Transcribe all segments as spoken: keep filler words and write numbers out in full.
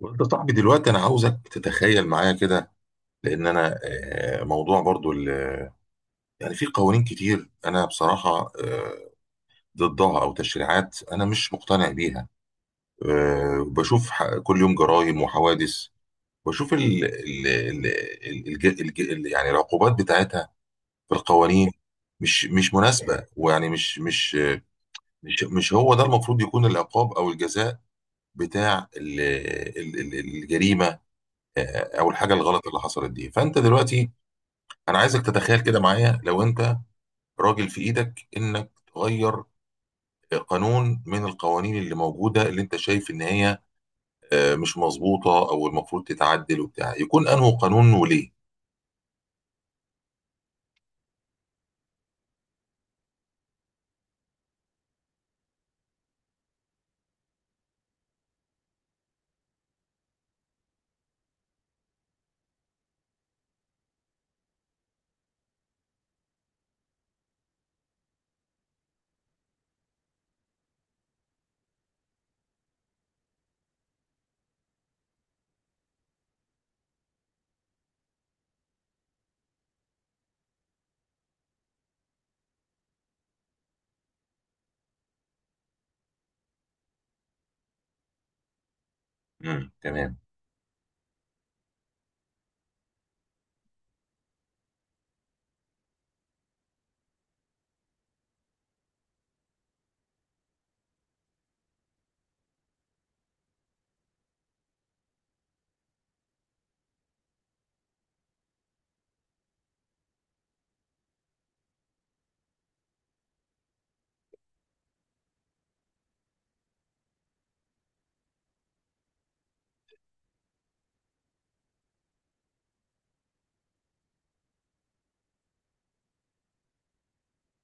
وانت صاحبي دلوقتي، انا عاوزك تتخيل معايا كده. لان انا آه، موضوع برضو ال- يعني في قوانين كتير انا بصراحة آه، ضدها او تشريعات انا مش مقتنع بيها. آه، بشوف ح- كل يوم جرائم وحوادث، بشوف ال ال ال ال الج- الج- يعني العقوبات بتاعتها في القوانين مش مش مناسبة، ويعني مش مش مش مش هو ده المفروض يكون العقاب او الجزاء بتاع ال- ال- ال- الجريمة، آه، او الحاجه الغلط اللي حصلت دي. فانت دلوقتي انا عايزك تتخيل كده معايا، لو انت راجل في ايدك انك تغير قانون من القوانين اللي موجوده، اللي انت شايف ان هي آه، مش مظبوطه او المفروض تتعدل وبتاع، يكون انه قانون وليه. امم، تمام.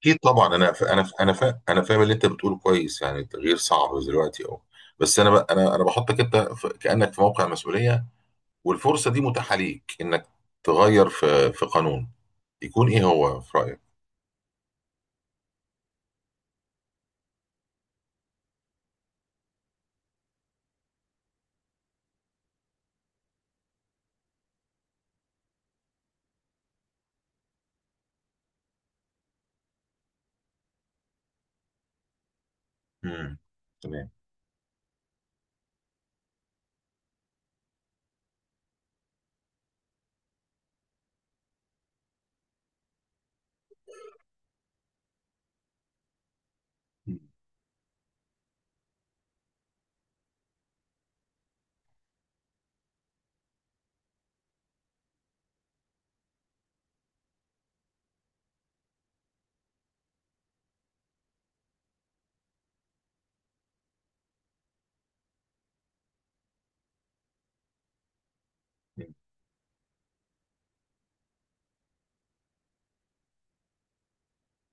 اكيد طبعا. انا ف... انا ف... انا ف... انا فاهم اللي انت بتقوله كويس، يعني التغيير صعب دلوقتي اهو. بس انا ب... انا انا بحطك انت في... كانك في موقع مسؤوليه، والفرصه دي متاحه ليك انك تغير في في قانون، يكون ايه هو في رايك؟ امم، تمام. مم. مم.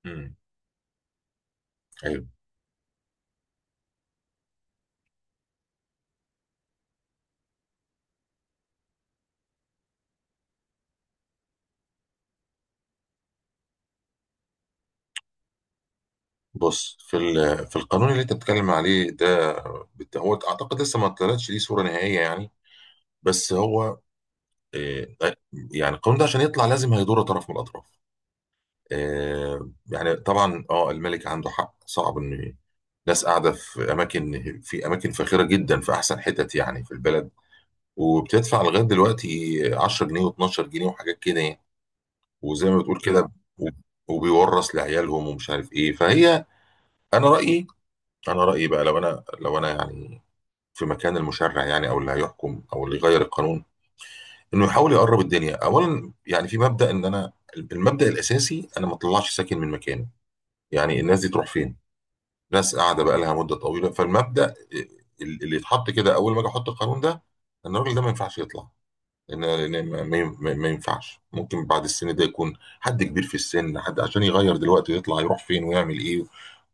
مم. ايوه. بص، في ال- في القانون اللي انت بتتكلم عليه ده، بت- هو اعتقد لسه ما طلعتش ليه صوره نهائيه يعني. بس هو آه، يعني القانون ده عشان يطلع لازم هيضر طرف من الاطراف. آه، يعني طبعا اه، الملك عنده حق، صعب ان ناس قاعده في اماكن، في اماكن فاخره جدا، في احسن حتت يعني في البلد، وبتدفع لغايه دلوقتي عشرة جنيه و12 جنيه وحاجات كده يعني. وزي ما بتقول لا كده. وب- وبيورث لعيالهم ومش عارف ايه. فهي انا رايي، انا رايي بقى، لو انا لو انا يعني في مكان المشرع يعني، او اللي هيحكم او اللي يغير القانون، انه يحاول يقرب الدنيا اولا. يعني في مبدا ان انا، المبدا الاساسي، انا ما اطلعش ساكن من مكانه. يعني الناس دي تروح فين؟ ناس قاعده بقى لها مده طويله. فالمبدا اللي يتحط كده اول ما اجي احط القانون ده، ان الراجل ده ما ينفعش يطلع. لان لأن ما ما- ما- ما ينفعش، ممكن بعد السن ده يكون حد كبير في السن، حد عشان يغير دلوقتي يطلع يروح فين ويعمل ايه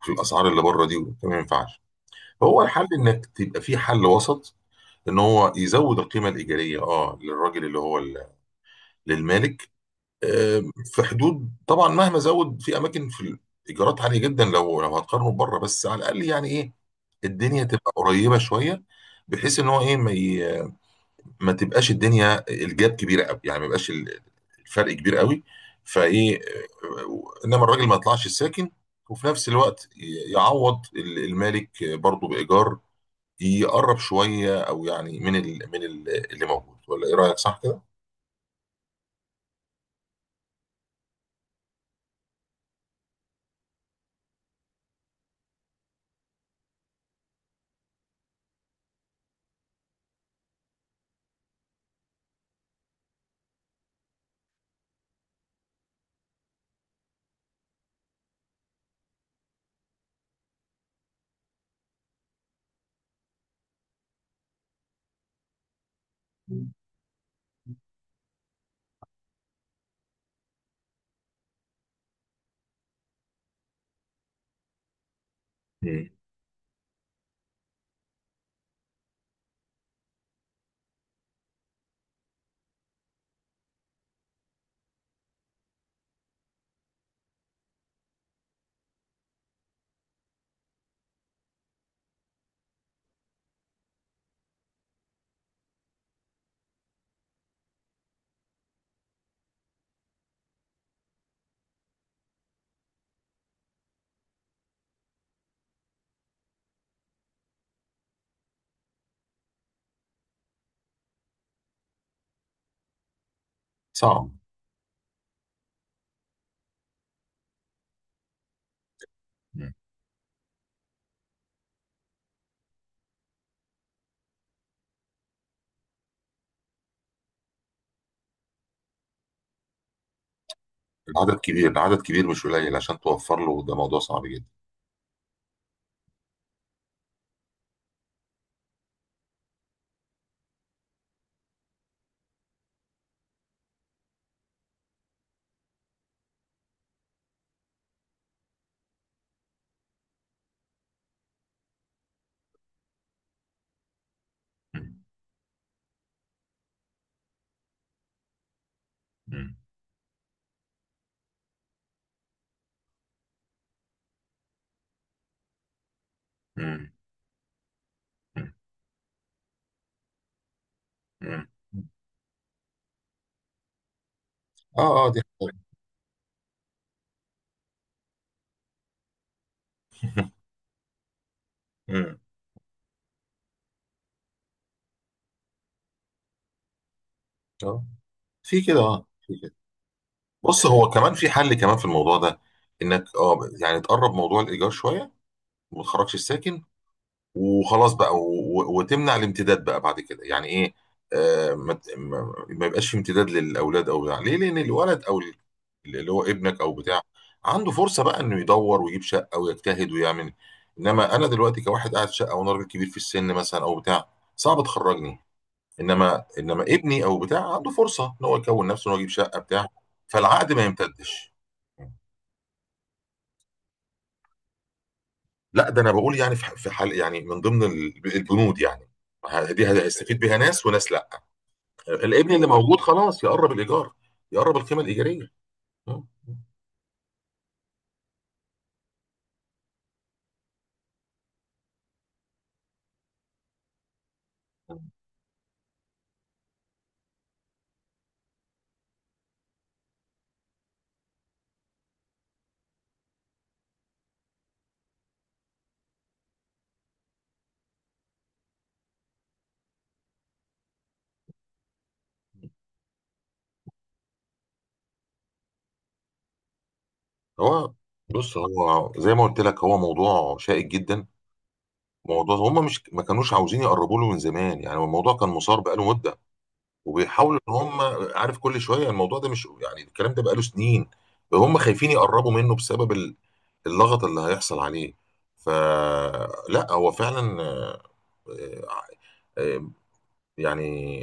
في الاسعار اللي بره دي؟ ما ينفعش. فهو الحل انك تبقى في حل وسط. ان هو يزود القيمه الايجاريه، اه، للراجل اللي هو ال- للمالك. آه، في حدود طبعا، مهما زود، في اماكن في الايجارات عاليه جدا لو لو هتقارنه بره. بس على الاقل يعني ايه، الدنيا تبقى قريبه شويه، بحيث ان هو ايه، ما ي... ما تبقاش الدنيا الجاب كبيره قوي، يعني ما يبقاش ال- الفرق كبير قوي. فايه آه، انما الراجل ما يطلعش ساكن، وفي نفس الوقت ي- يعوض ال- المالك برضه بايجار يقرب شويه، او يعني من ال من ال اللي موجود. ولا ايه رايك، صح كده؟ مم. صعب. مم. العدد كبير، العدد كبير مش قليل، عشان توفر له ده موضوع صعب جدا. مم. مم. مم. مم. اه، اه، دي حاجة. مم. اه، في كده، اه. بص، هو كمان في حل كمان في الموضوع ده، انك اه يعني تقرب موضوع الايجار شويه وما تخرجش الساكن وخلاص بقى، و... و... وتمنع الامتداد بقى بعد كده. يعني ايه؟ آه ما... ت- ما... ما يبقاش في امتداد للاولاد او بتاع ليه، لان الولد او ال- اللي هو ابنك او بتاع، عنده فرصه بقى انه يدور ويجيب شقه ويجتهد ويعمل. انما انا دلوقتي كواحد قاعد في شقه وانا راجل كبير في السن مثلا او بتاع، صعب تخرجني. انما انما ابني او بتاع عنده فرصه ان هو يكون نفسه ان هو يجيب شقه بتاع. فالعقد ما يمتدش. لا، ده انا بقول يعني في ح- في حال يعني، من ضمن ال- البنود يعني. ه- دي هيستفيد بيها ناس وناس لا. الابن اللي موجود خلاص، يقرب الايجار، يقرب القيمه الايجاريه. هو، بص، هو زي ما قلت لك، هو موضوع شائك جدا. موضوع هم مش ما كانوش عاوزين يقربوا له من زمان يعني، هو الموضوع كان مثار بقاله مده وبيحاولوا ان هم، عارف، كل شويه، الموضوع ده مش يعني الكلام ده بقاله سنين. هم خايفين يقربوا منه بسبب ال- اللغط اللي هيحصل عليه. فلا، هو فعلا آه، آه، آه، يعني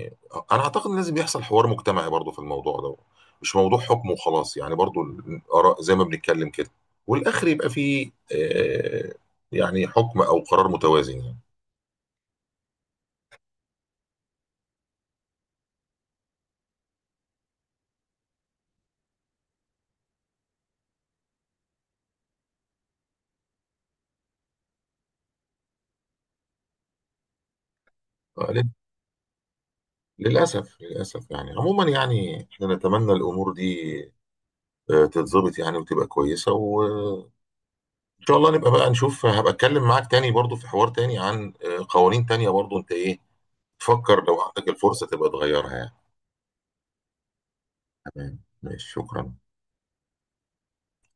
انا اعتقد ان لازم يحصل حوار مجتمعي برضه في الموضوع ده، مش موضوع حكم وخلاص يعني، برضه الاراء زي ما بنتكلم كده، والاخر يبقى فيه آه، يعني حكم او قرار متوازن يعني. آه، لل- للاسف، للاسف يعني عموما، يعني احنا نتمنى الامور دي آه، تتظبط يعني وتبقى كويسة، وإن شاء الله نبقى بقى نشوف، هبقى أتكلم معاك تاني برضو في حوار تاني عن آه، قوانين تانية برضو، أنت إيه تفكر لو عندك الفرصة تبقى تغيرها يعني. تمام، ماشي، شكرا.